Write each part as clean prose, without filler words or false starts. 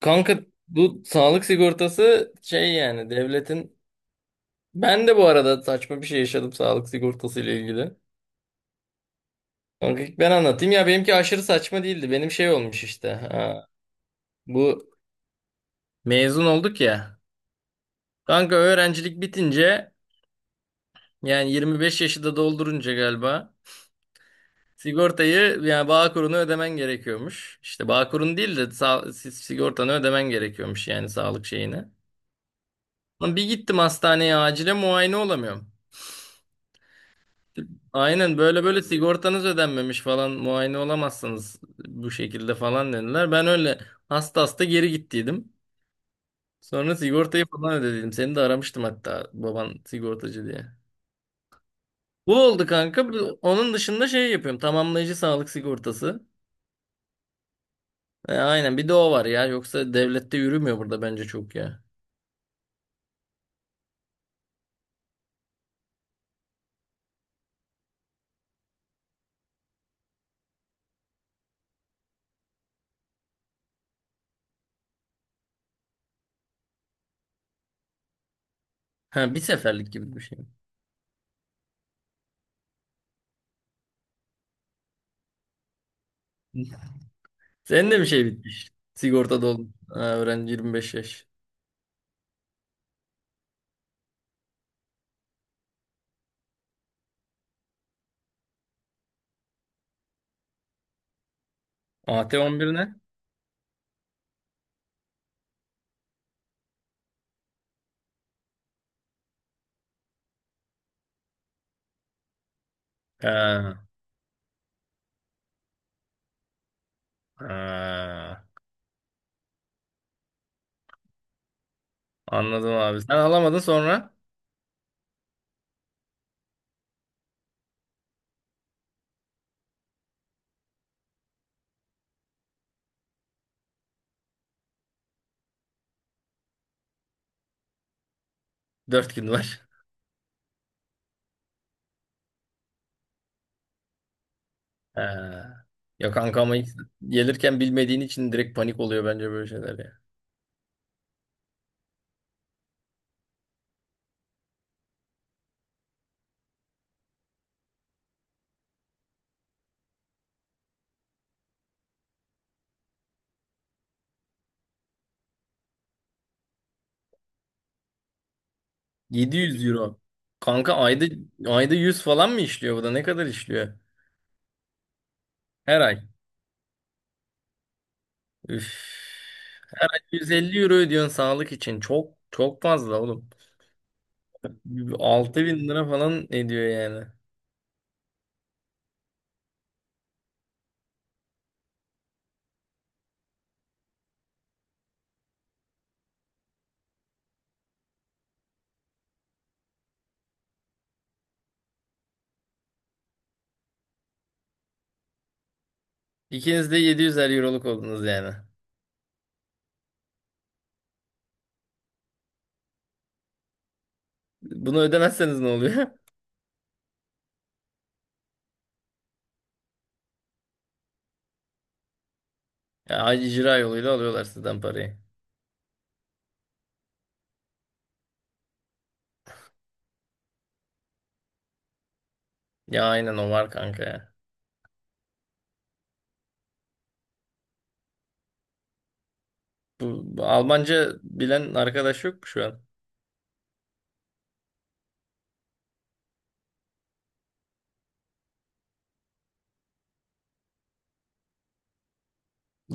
Kanka bu sağlık sigortası şey yani devletin ben de bu arada saçma bir şey yaşadım sağlık sigortası ile ilgili. Kanka ben anlatayım ya benimki aşırı saçma değildi. Benim şey olmuş işte. Ha, bu mezun olduk ya. Kanka öğrencilik bitince yani 25 yaşı da doldurunca galiba sigortayı yani Bağkur'unu ödemen gerekiyormuş. İşte Bağkur'un değil de sigortanı ödemen gerekiyormuş yani sağlık şeyini. Lan bir gittim hastaneye acile muayene olamıyorum. Aynen böyle böyle sigortanız ödenmemiş falan muayene olamazsınız bu şekilde falan dediler. Ben öyle hasta hasta geri gittiydim. Sonra sigortayı falan ödedim. Seni de aramıştım hatta baban sigortacı diye. Bu oldu kanka. Onun dışında şey yapıyorum. Tamamlayıcı sağlık sigortası. E, aynen bir de o var ya. Yoksa devlette yürümüyor burada bence çok ya. Ha, bir seferlik gibi bir şey. Senin de bir şey bitmiş. Sigorta oldun. Ha, öğrenci 25 yaş. AT 11 ne? Ha, ha. Anladım abi. Sen alamadın sonra dört gün var. He. Ya kanka ama ilk gelirken bilmediğin için direkt panik oluyor bence böyle şeyler ya. 700 euro. Kanka ayda 100 falan mı işliyor, bu da ne kadar işliyor? Her ay. Üf. 150 euro ödüyorsun sağlık için. Çok çok fazla oğlum. 6.000 lira falan ediyor yani. İkiniz de 700'er euroluk oldunuz yani. Bunu ödemezseniz ne oluyor? Ya icra yoluyla alıyorlar sizden parayı. Ya aynen o var kanka ya. Bu Almanca bilen arkadaş yok mu şu an?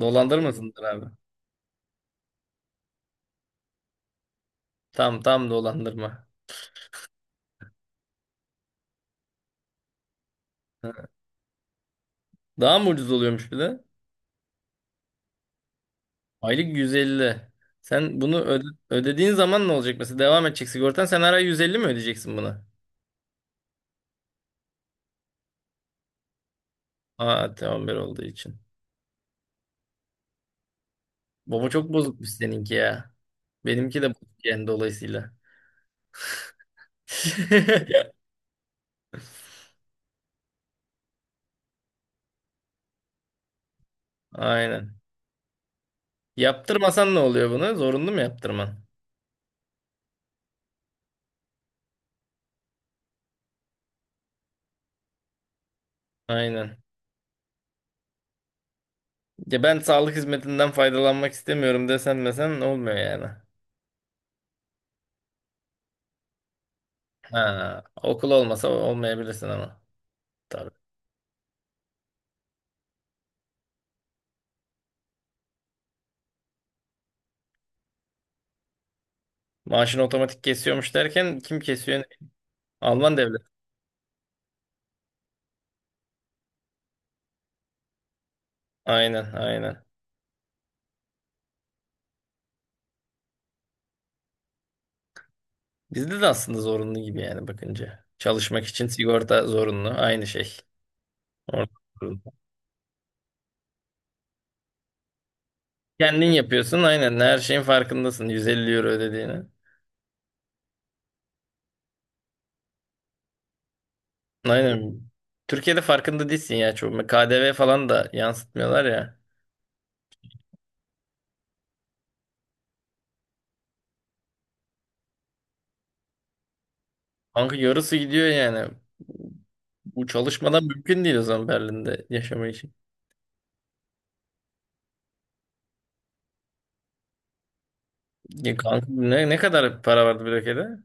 Dolandırmasındır abi. Tam tam dolandırma. Ha. Daha mı ucuz oluyormuş bir de? Aylık 150. Sen bunu ödediğin zaman ne olacak? Mesela devam edecek sigortan. Sen her ay 150 mi ödeyeceksin buna? Aa, tamam bir olduğu için. Baba çok bozukmuş seninki ya. Benimki de bozuk yani dolayısıyla. Aynen. Yaptırmasan ne oluyor bunu? Zorunlu mu yaptırman? Aynen. Ya ben sağlık hizmetinden faydalanmak istemiyorum desen desen olmuyor yani. Ha, okul olmasa olmayabilirsin ama. Tabii. Maaşını otomatik kesiyormuş derken kim kesiyor? Alman devlet. Aynen, aynen. Bizde de aslında zorunlu gibi yani bakınca. Çalışmak için sigorta zorunlu. Aynı şey. Orada zorunlu. Kendin yapıyorsun. Aynen. Her şeyin farkındasın. 150 euro ödediğini. Aynen. Türkiye'de farkında değilsin ya. Çok. KDV falan da yansıtmıyorlar ya. Kanka yarısı gidiyor yani. Bu çalışmadan mümkün değil o zaman Berlin'de yaşamak için. Ya kanka ne kadar para vardı blokede?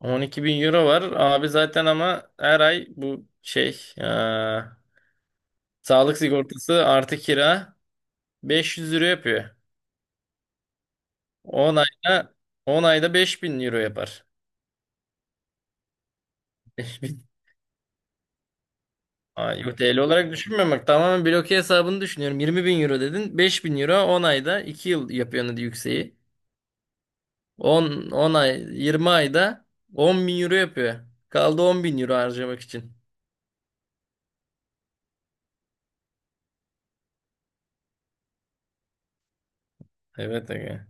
12 bin euro var. Abi zaten ama her ay bu şey sağlık sigortası artı kira 500 euro yapıyor. 10 ayda 10 ayda 5.000 euro yapar. Ay, yo, TL olarak düşünmüyorum, bak tamamen bloke hesabını düşünüyorum. 20 bin euro dedin, 5.000 euro 10 ayda 2 yıl yapıyor hadi yükseği. 10 ay 20 ayda 10 bin euro yapıyor. Kaldı 10 bin euro harcamak için. Evet, aga.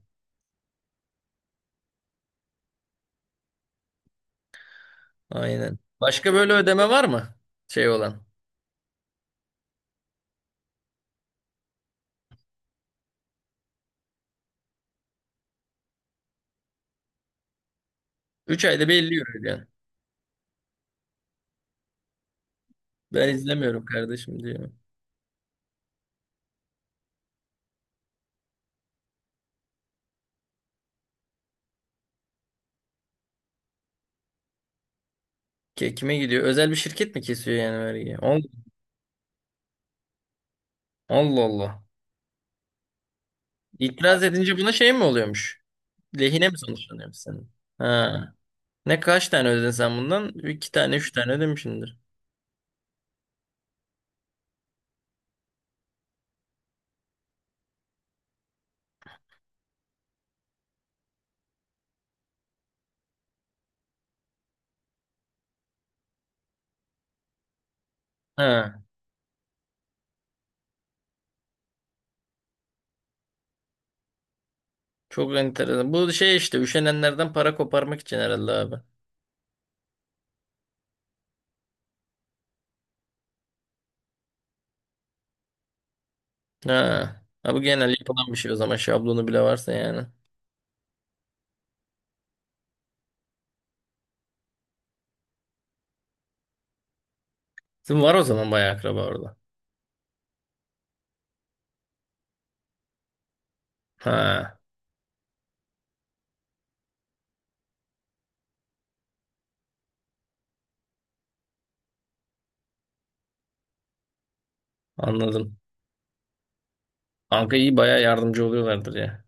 Aynen. Başka böyle ödeme var mı? Şey olan. Üç ayda bir 50 euro ödüyorsun. Ben izlemiyorum kardeşim diyor. Kime gidiyor? Özel bir şirket mi kesiyor yani vergiyi? Allah Allah. İtiraz edince buna şey mi oluyormuş? Lehine mi sonuçlanıyormuş senin? Ha. Ne kaç tane ödedin sen bundan? İki tane, üç tane ödemişsindir. Ha. Çok enteresan. Bu şey işte üşenenlerden para koparmak için herhalde abi. Ha. Ha, bu genel yapılan bir şey o zaman, şablonu bile varsa yani. Sizin var o zaman bayağı akraba orada. Ha. Anladım. Kanka iyi bayağı yardımcı oluyorlardır ya.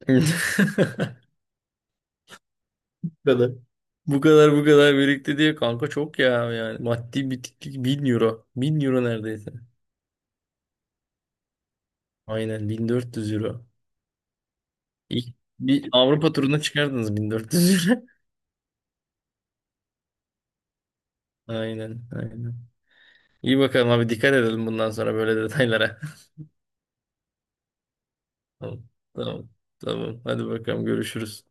Bu kadar. Bu kadar bu kadar birikti diye kanka, çok ya yani maddi bitiklik, 1.000 euro. 1.000 euro neredeyse. Aynen, 1.400 euro. İlk bir Avrupa turuna çıkardınız 1.400 euro. Aynen aynen. İyi bakalım abi, dikkat edelim bundan sonra böyle detaylara. Tamam tamam tamam, hadi bakalım görüşürüz.